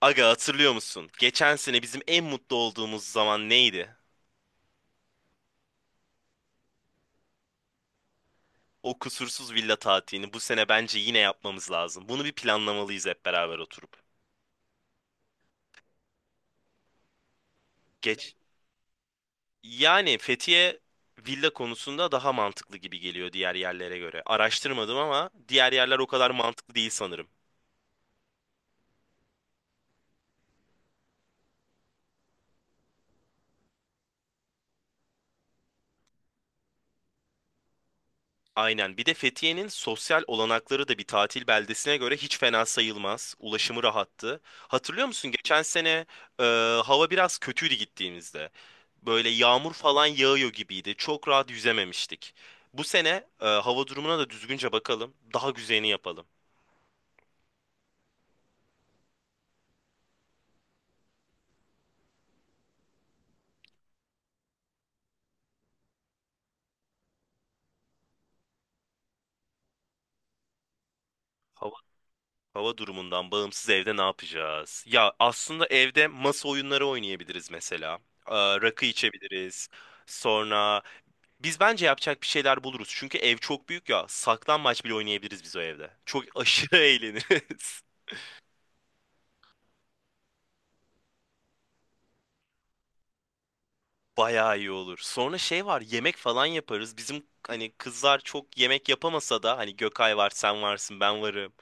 Aga hatırlıyor musun? Geçen sene bizim en mutlu olduğumuz zaman neydi? O kusursuz villa tatilini bu sene bence yine yapmamız lazım. Bunu bir planlamalıyız hep beraber oturup. Geç. Yani Fethiye villa konusunda daha mantıklı gibi geliyor diğer yerlere göre. Araştırmadım ama diğer yerler o kadar mantıklı değil sanırım. Aynen. Bir de Fethiye'nin sosyal olanakları da bir tatil beldesine göre hiç fena sayılmaz. Ulaşımı rahattı. Hatırlıyor musun geçen sene e, hava biraz kötüydü gittiğimizde. Böyle yağmur falan yağıyor gibiydi. Çok rahat yüzememiştik. Bu sene hava durumuna da düzgünce bakalım. Daha güzelini yapalım. Hava, hava durumundan bağımsız evde ne yapacağız? Ya aslında evde masa oyunları oynayabiliriz mesela. E, Rakı içebiliriz. Sonra biz bence yapacak bir şeyler buluruz. Çünkü ev çok büyük ya. Saklanmaç bile oynayabiliriz biz o evde. Çok aşırı eğleniriz. Bayağı iyi olur. Sonra şey var, yemek falan yaparız. Bizim hani kızlar çok yemek yapamasa da hani Gökay var, sen varsın, ben varım.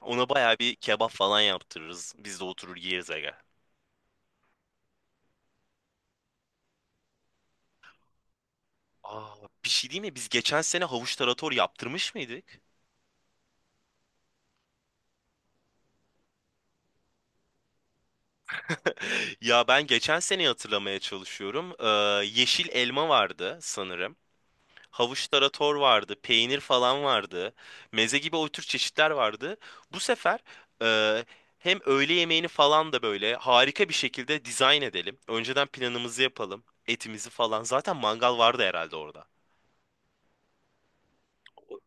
Ona bayağı bir kebap falan yaptırırız. Biz de oturur yeriz aga. Aa, bir şey değil mi? Biz geçen sene havuç tarator yaptırmış mıydık? Ya ben geçen seneyi hatırlamaya çalışıyorum. Yeşil elma vardı sanırım. Havuç tarator vardı, peynir falan vardı, meze gibi o tür çeşitler vardı. Bu sefer e, hem öğle yemeğini falan da böyle harika bir şekilde dizayn edelim. Önceden planımızı yapalım, etimizi falan. Zaten mangal vardı herhalde orada. O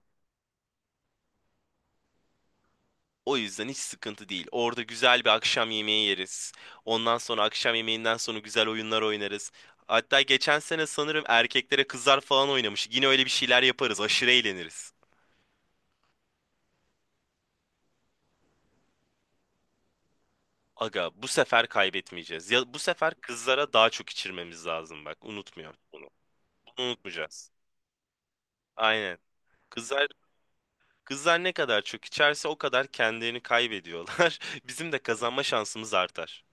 o yüzden hiç sıkıntı değil. Orada güzel bir akşam yemeği yeriz. Ondan sonra akşam yemeğinden sonra güzel oyunlar oynarız. Hatta geçen sene sanırım erkeklere kızlar falan oynamış. Yine öyle bir şeyler yaparız. Aşırı eğleniriz. Aga bu sefer kaybetmeyeceğiz. Ya bu sefer kızlara daha çok içirmemiz lazım bak. Unutmuyorum bunu. Bunu unutmayacağız. Aynen. Kızlar kızlar ne kadar çok içerse o kadar kendilerini kaybediyorlar. Bizim de kazanma şansımız artar.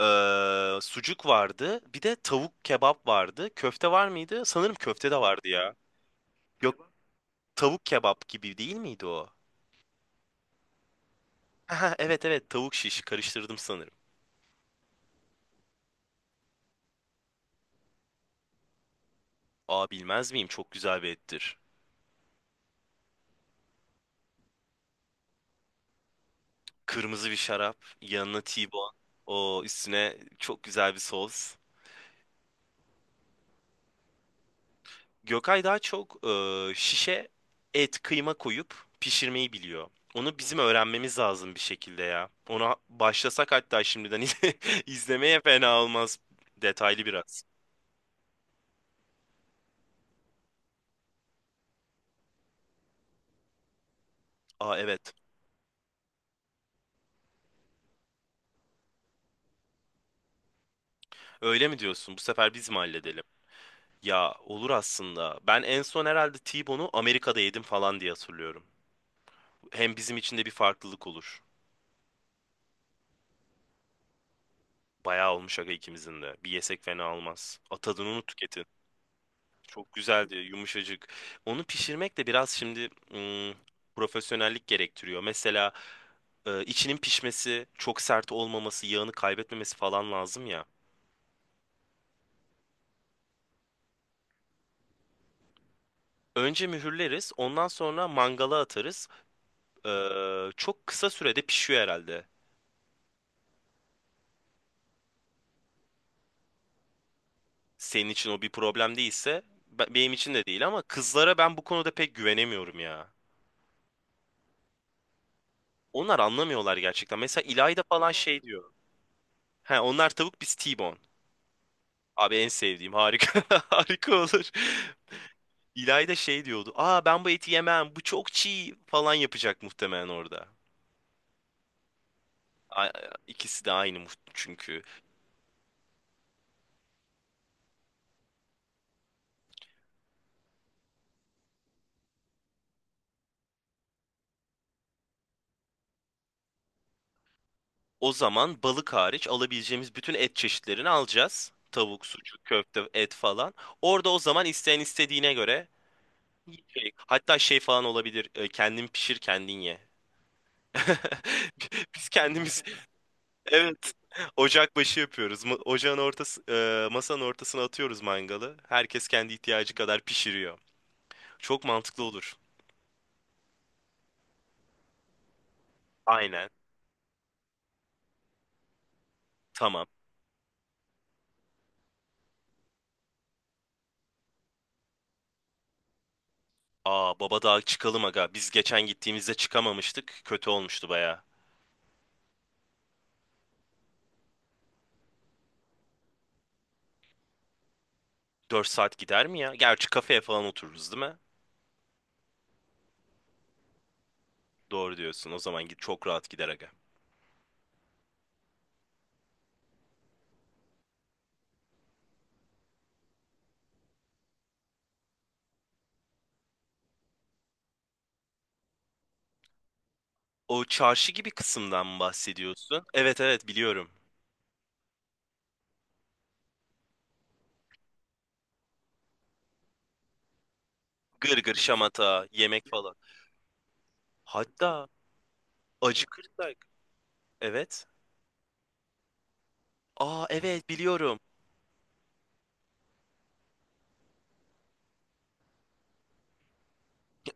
Sucuk vardı. Bir de tavuk kebap vardı. Köfte var mıydı? Sanırım köfte de vardı ya. Yok, tavuk kebap gibi değil miydi o? Evet, evet, tavuk şiş karıştırdım sanırım. Aa, bilmez miyim? Çok güzel bir ettir. Kırmızı bir şarap, yanına T-bone, o üstüne çok güzel bir sos. Gökay daha çok şişe et, kıyma koyup pişirmeyi biliyor. Onu bizim öğrenmemiz lazım bir şekilde ya. Ona başlasak hatta şimdiden izlemeye fena olmaz. Detaylı biraz. Aa, evet. Öyle mi diyorsun? Bu sefer biz mi halledelim? Ya olur aslında. Ben en son herhalde T-bone'u Amerika'da yedim falan diye hatırlıyorum. Hem bizim için de bir farklılık olur. Bayağı olmuş aga ikimizin de. Bir yesek fena olmaz. Atadın onu tüketin. Çok güzeldi, yumuşacık. Onu pişirmek de biraz şimdi profesyonellik gerektiriyor. Mesela içinin pişmesi, çok sert olmaması, yağını kaybetmemesi falan lazım ya. Önce mühürleriz, ondan sonra mangala atarız. Çok kısa sürede pişiyor herhalde. Senin için o bir problem değilse, benim için de değil ama kızlara ben bu konuda pek güvenemiyorum ya. Onlar anlamıyorlar gerçekten. Mesela İlayda falan şey diyor. He, onlar tavuk biz T-bone. Abi en sevdiğim harika harika olur. İlay da şey diyordu. Aa, ben bu eti yemem, bu çok çiğ falan yapacak muhtemelen orada. A- İkisi de aynı çünkü. O zaman balık hariç alabileceğimiz bütün et çeşitlerini alacağız. Tavuk, sucuk, köfte, et falan. Orada o zaman isteyen istediğine göre hatta şey falan olabilir. Kendin pişir kendin ye. Biz kendimiz evet. Ocak başı yapıyoruz. Ocağın ortası, masanın ortasına atıyoruz mangalı. Herkes kendi ihtiyacı kadar pişiriyor. Çok mantıklı olur. Aynen. Tamam. Aa, baba daha çıkalım aga. Biz geçen gittiğimizde çıkamamıştık. Kötü olmuştu baya. 4 saat gider mi ya? Gerçi kafeye falan otururuz değil mi? Doğru diyorsun. O zaman git çok rahat gider aga. O çarşı gibi kısımdan mı bahsediyorsun? Evet, evet, biliyorum. Gırgır, şamata, yemek falan. Hatta acıkırsak. Evet. Aa, evet, biliyorum.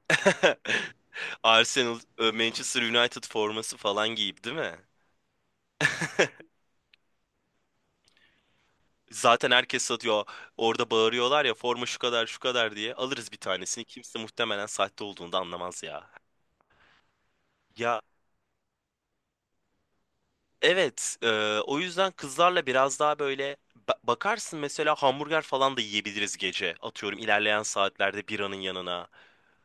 Arsenal, Manchester United forması falan giyip değil mi? Zaten herkes satıyor. Orada bağırıyorlar ya forma şu kadar şu kadar diye. Alırız bir tanesini. Kimse muhtemelen sahte olduğunu da anlamaz ya. Ya evet, o yüzden kızlarla biraz daha böyle bakarsın mesela hamburger falan da yiyebiliriz gece. Atıyorum ilerleyen saatlerde biranın yanına.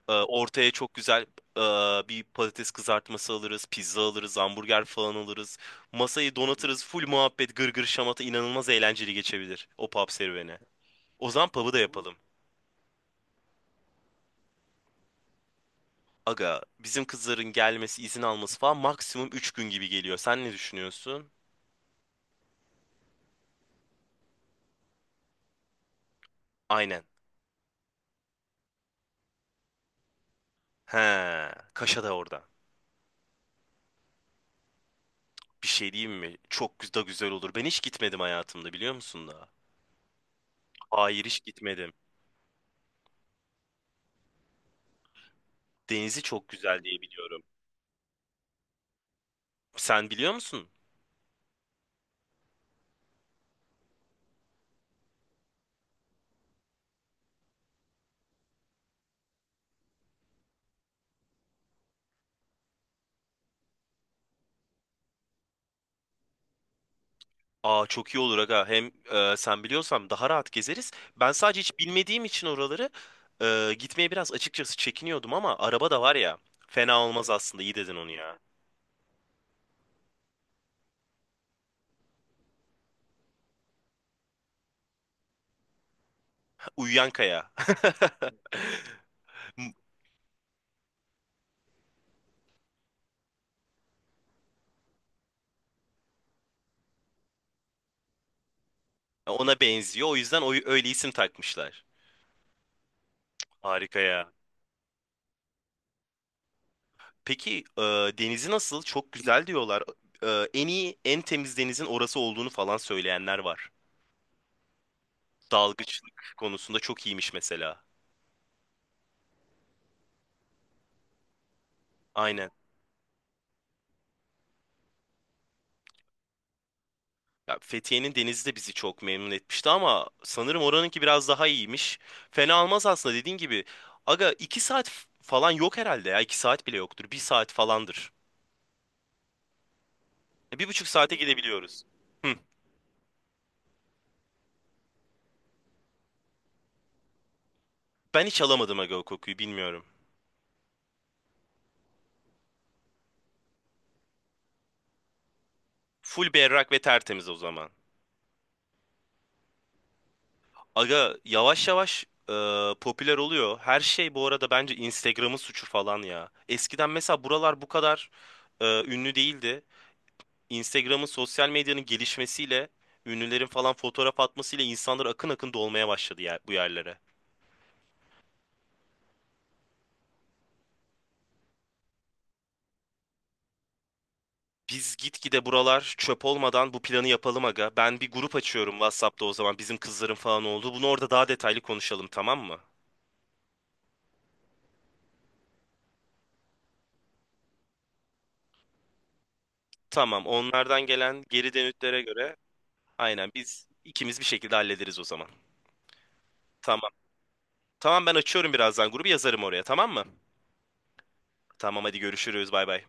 Ortaya çok güzel e, bir patates kızartması alırız, pizza alırız, hamburger falan alırız. Masayı donatırız, full muhabbet, gırgır şamata inanılmaz eğlenceli geçebilir o pub serüveni. O zaman pub'ı da yapalım. Aga, bizim kızların gelmesi, izin alması falan maksimum 3 gün gibi geliyor. Sen ne düşünüyorsun? Aynen. He, Kaşa da orada. Bir şey diyeyim mi? Çok da güzel olur. Ben hiç gitmedim hayatımda biliyor musun da? Hayır, hiç gitmedim. Denizi çok güzel diye biliyorum. Sen biliyor musun? Aa, çok iyi olur aga. Hem sen biliyorsan daha rahat gezeriz. Ben sadece hiç bilmediğim için oraları gitmeye biraz açıkçası çekiniyordum ama araba da var ya. Fena olmaz aslında. İyi dedin onu ya. Uyuyan kaya. Ona benziyor. O yüzden öyle isim takmışlar. Harika ya. Peki denizi nasıl? Çok güzel diyorlar. En iyi, en temiz denizin orası olduğunu falan söyleyenler var. Dalgıçlık konusunda çok iyiymiş mesela. Aynen. Ya Fethiye'nin denizi de bizi çok memnun etmişti ama sanırım oranınki biraz daha iyiymiş. Fena almaz aslında dediğin gibi. Aga 2 saat falan yok herhalde ya. 2 saat bile yoktur. 1 saat falandır. 1,5 saate gidebiliyoruz. Hı. Ben hiç alamadım aga o kokuyu bilmiyorum. Full berrak ve tertemiz o zaman. Aga yavaş yavaş e, popüler oluyor. Her şey bu arada bence Instagram'ın suçu falan ya. Eskiden mesela buralar bu kadar ünlü değildi. Instagram'ın sosyal medyanın gelişmesiyle ünlülerin falan fotoğraf atmasıyla insanlar akın akın dolmaya başladı yer, bu yerlere. Biz gitgide buralar çöp olmadan bu planı yapalım aga. Ben bir grup açıyorum WhatsApp'ta o zaman bizim kızların falan oldu. Bunu orada daha detaylı konuşalım tamam mı? Tamam, onlardan gelen geri dönütlere göre aynen biz ikimiz bir şekilde hallederiz o zaman. Tamam. Tamam, ben açıyorum birazdan grubu yazarım oraya tamam mı? Tamam, hadi görüşürüz bay bay.